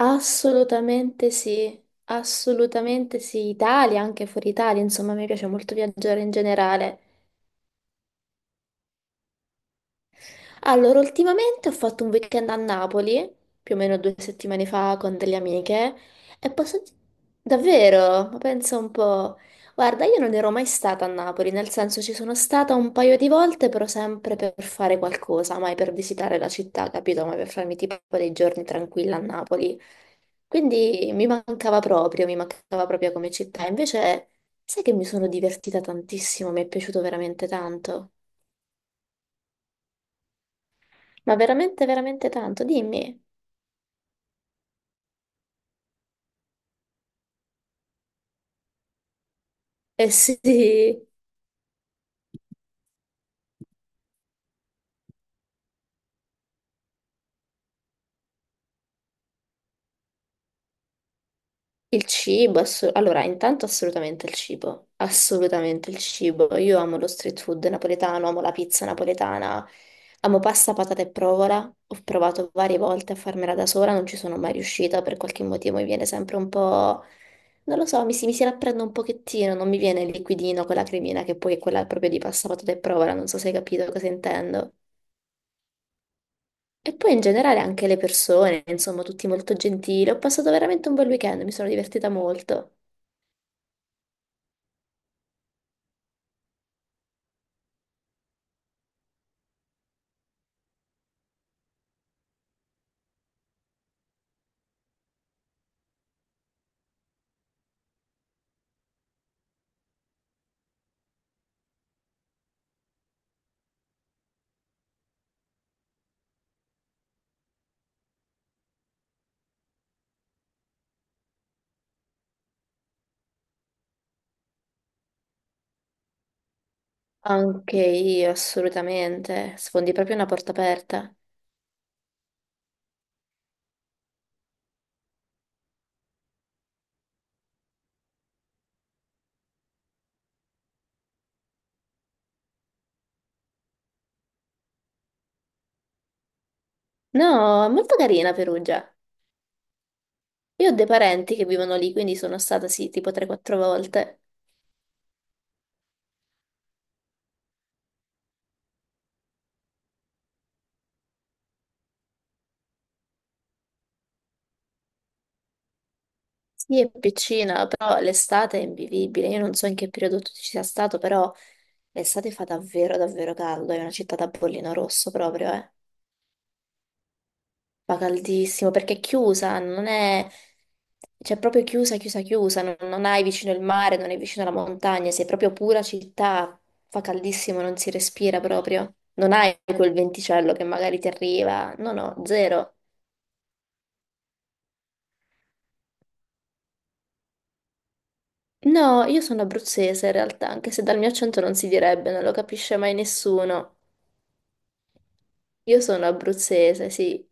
Assolutamente sì, assolutamente sì, Italia, anche fuori Italia, insomma, mi piace molto viaggiare in generale. Allora, ultimamente ho fatto un weekend a Napoli, più o meno 2 settimane fa, con delle amiche, e posso. Davvero? Ma pensa un po'. Guarda, io non ero mai stata a Napoli, nel senso ci sono stata un paio di volte, però sempre per fare qualcosa, mai per visitare la città, capito? Mai per farmi tipo dei giorni tranquilla a Napoli. Quindi mi mancava proprio come città. Invece, sai che mi sono divertita tantissimo, mi è piaciuto veramente tanto. Ma veramente, veramente tanto, dimmi. Eh sì, il cibo, allora intanto assolutamente il cibo, io amo lo street food napoletano, amo la pizza napoletana, amo pasta, patate e provola, ho provato varie volte a farmela da sola, non ci sono mai riuscita, per qualche motivo mi viene sempre un po', non lo so, mi si rapprende un pochettino, non mi viene il liquidino con la cremina che poi è quella proprio di pasta, patate e provola, non so se hai capito cosa intendo. E poi in generale anche le persone, insomma, tutti molto gentili. Ho passato veramente un bel weekend, mi sono divertita molto. Anche io, assolutamente. Sfondi proprio una porta aperta. No, è molto carina Perugia. Io ho dei parenti che vivono lì, quindi sono stata sì, tipo 3-4 volte. Sì, è piccina, però l'estate è invivibile. Io non so in che periodo tu ci sia stato, però l'estate fa davvero, davvero caldo. È una città da bollino rosso proprio, eh. Fa caldissimo perché è chiusa, non è. Cioè, proprio chiusa, chiusa, chiusa, non hai vicino il mare, non hai vicino la montagna, sei proprio pura città, fa caldissimo, non si respira proprio. Non hai quel venticello che magari ti arriva, no, no, zero. No, io sono abruzzese in realtà, anche se dal mio accento non si direbbe, non lo capisce mai nessuno. Io sono abruzzese, sì.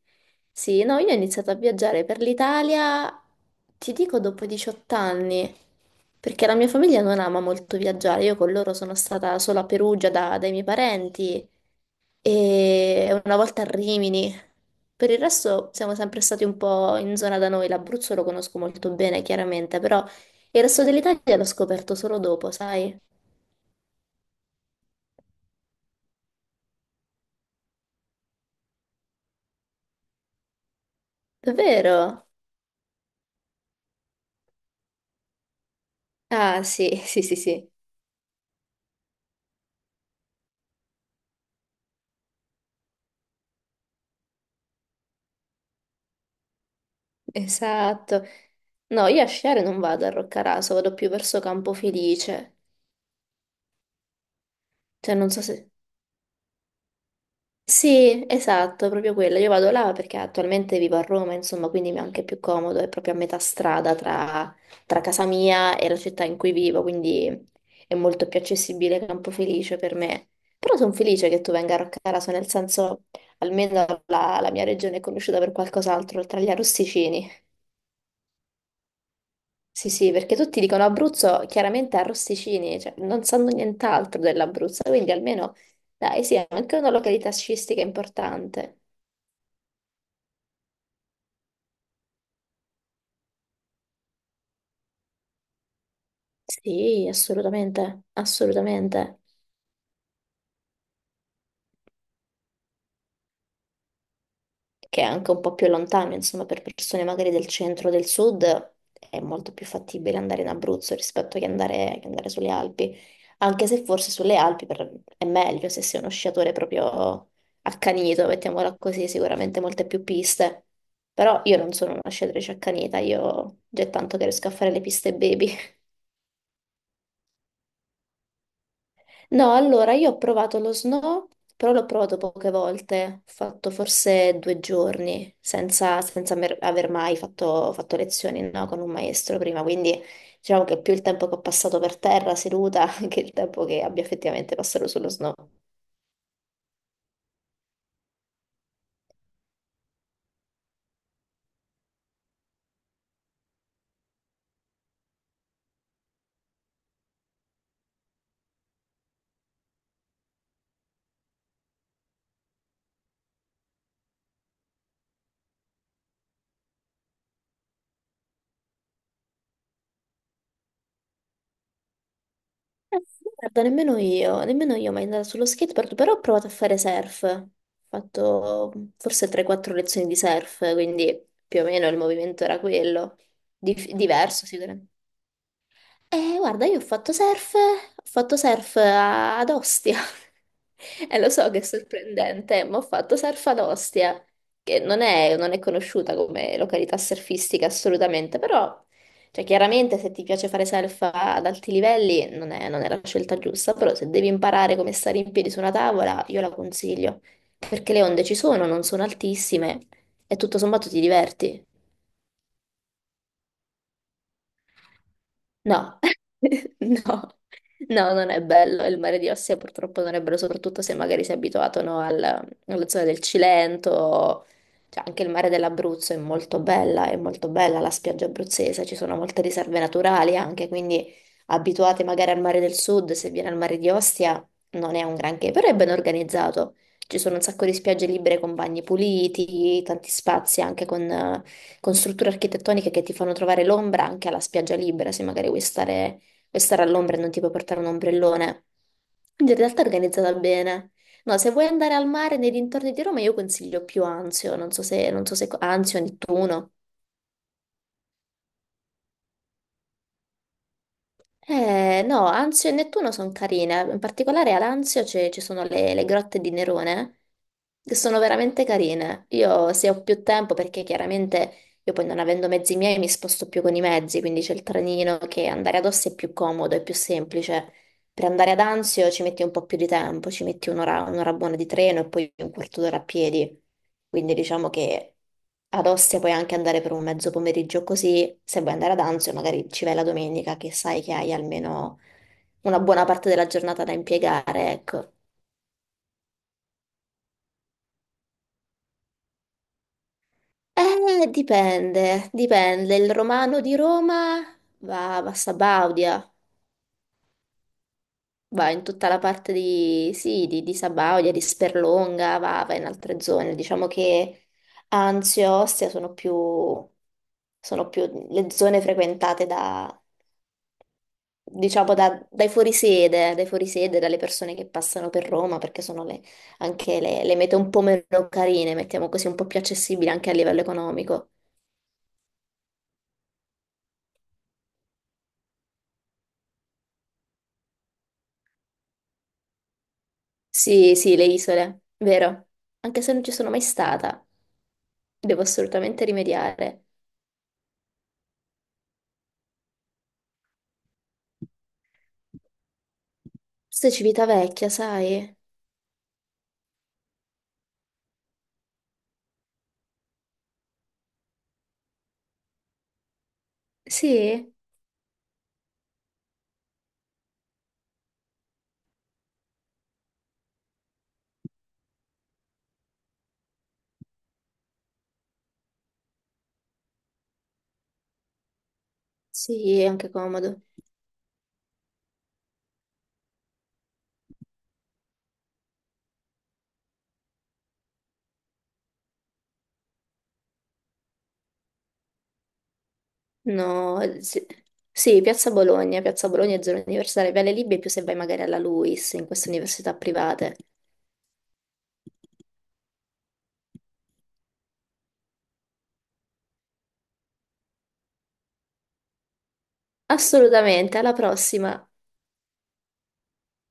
Sì, no, io ho iniziato a viaggiare per l'Italia, ti dico dopo 18 anni, perché la mia famiglia non ama molto viaggiare, io con loro sono stata solo a Perugia dai miei parenti e una volta a Rimini. Per il resto siamo sempre stati un po' in zona da noi, l'Abruzzo lo conosco molto bene, chiaramente, però il resto dell'Italia l'ho scoperto solo dopo, sai? Davvero? Ah, sì, sì, sì, sì. Esatto. No, io a sciare non vado a Roccaraso, vado più verso Campofelice. Cioè, non so se. Sì, esatto, proprio quella. Io vado là perché attualmente vivo a Roma, insomma, quindi mi è anche più comodo, è proprio a metà strada tra, casa mia e la città in cui vivo, quindi è molto più accessibile Campofelice per me. Però sono felice che tu venga a Roccaraso, nel senso, almeno la mia regione è conosciuta per qualcos'altro, oltre agli arrosticini. Sì, sì, perché tutti dicono Abruzzo chiaramente a Rosticini, cioè non sanno nient'altro dell'Abruzzo, quindi almeno dai, sì, è anche una località sciistica importante. Sì, assolutamente, assolutamente. Che è anche un po' più lontano, insomma, per persone magari del centro o del sud è molto più fattibile andare in Abruzzo rispetto che andare, sulle Alpi, anche se forse sulle Alpi è meglio se sei uno sciatore proprio accanito, mettiamola così, sicuramente molte più piste. Però io non sono una sciatrice accanita, io già è tanto che riesco a fare le piste baby. No, allora io ho provato lo snow, però l'ho provato poche volte, ho fatto forse 2 giorni senza, aver mai fatto lezioni, no, con un maestro prima, quindi diciamo che è più il tempo che ho passato per terra seduta che il tempo che abbia effettivamente passato sullo snow. Guarda, nemmeno io mai andata sullo skateboard, però ho provato a fare surf, ho fatto forse 3-4 lezioni di surf, quindi più o meno il movimento era quello, diverso sicuramente. Guarda, io ho fatto surf, ad Ostia. E lo so che è sorprendente, ma ho fatto surf ad Ostia, che non è, conosciuta come località surfistica assolutamente, però cioè, chiaramente se ti piace fare surf ad alti livelli non è la scelta giusta, però se devi imparare come stare in piedi su una tavola, io la consiglio, perché le onde ci sono, non sono altissime e tutto sommato ti diverti. No, no, no, non è bello. Il mare di Ostia purtroppo non è bello, soprattutto se magari si è abituato, no, alla zona del Cilento. Cioè, anche il mare dell'Abruzzo è molto bella la spiaggia abruzzese, ci sono molte riserve naturali anche, quindi abituati magari al mare del sud, se viene al mare di Ostia non è un granché, però è ben organizzato. Ci sono un sacco di spiagge libere con bagni puliti, tanti spazi anche con strutture architettoniche che ti fanno trovare l'ombra anche alla spiaggia libera, se magari vuoi stare, all'ombra e non ti puoi portare un ombrellone. Quindi in realtà è organizzata bene. No, se vuoi andare al mare nei dintorni di Roma, io consiglio più Anzio, non so se, Anzio, Nettuno. No, Anzio e Nettuno sono carine, in particolare ad Anzio ci sono le grotte di Nerone, che sono veramente carine. Io se ho più tempo, perché chiaramente io poi non avendo mezzi miei mi sposto più con i mezzi, quindi c'è il trenino che andare ad Ossi è più comodo, è più semplice. Per andare ad Anzio ci metti un po' più di tempo, ci metti un'ora un'ora buona di treno e poi un quarto d'ora a piedi. Quindi diciamo che ad Ostia puoi anche andare per un mezzo pomeriggio così, se vuoi andare ad Anzio magari ci vai la domenica che sai che hai almeno una buona parte della giornata da impiegare, ecco. Dipende, dipende. Il romano di Roma va, va, a Sabaudia, va in tutta la parte di, sì, di Sabaudia, di Sperlonga, va, in altre zone. Diciamo che Anzio e Ostia sono più le zone frequentate da, diciamo, dai fuorisede, dalle persone che passano per Roma, perché sono anche le mete un po' meno carine, mettiamo così, un po' più accessibili anche a livello economico. Sì, sì, le isole, vero? Anche se non ci sono mai stata, devo assolutamente rimediare. Forse Civitavecchia, sai? Sì, sì, è anche comodo. No, sì. Sì, Piazza Bologna, Piazza Bologna è zona universitaria, Viale Libia è più se vai magari alla LUIS, in queste università private. Assolutamente, alla prossima!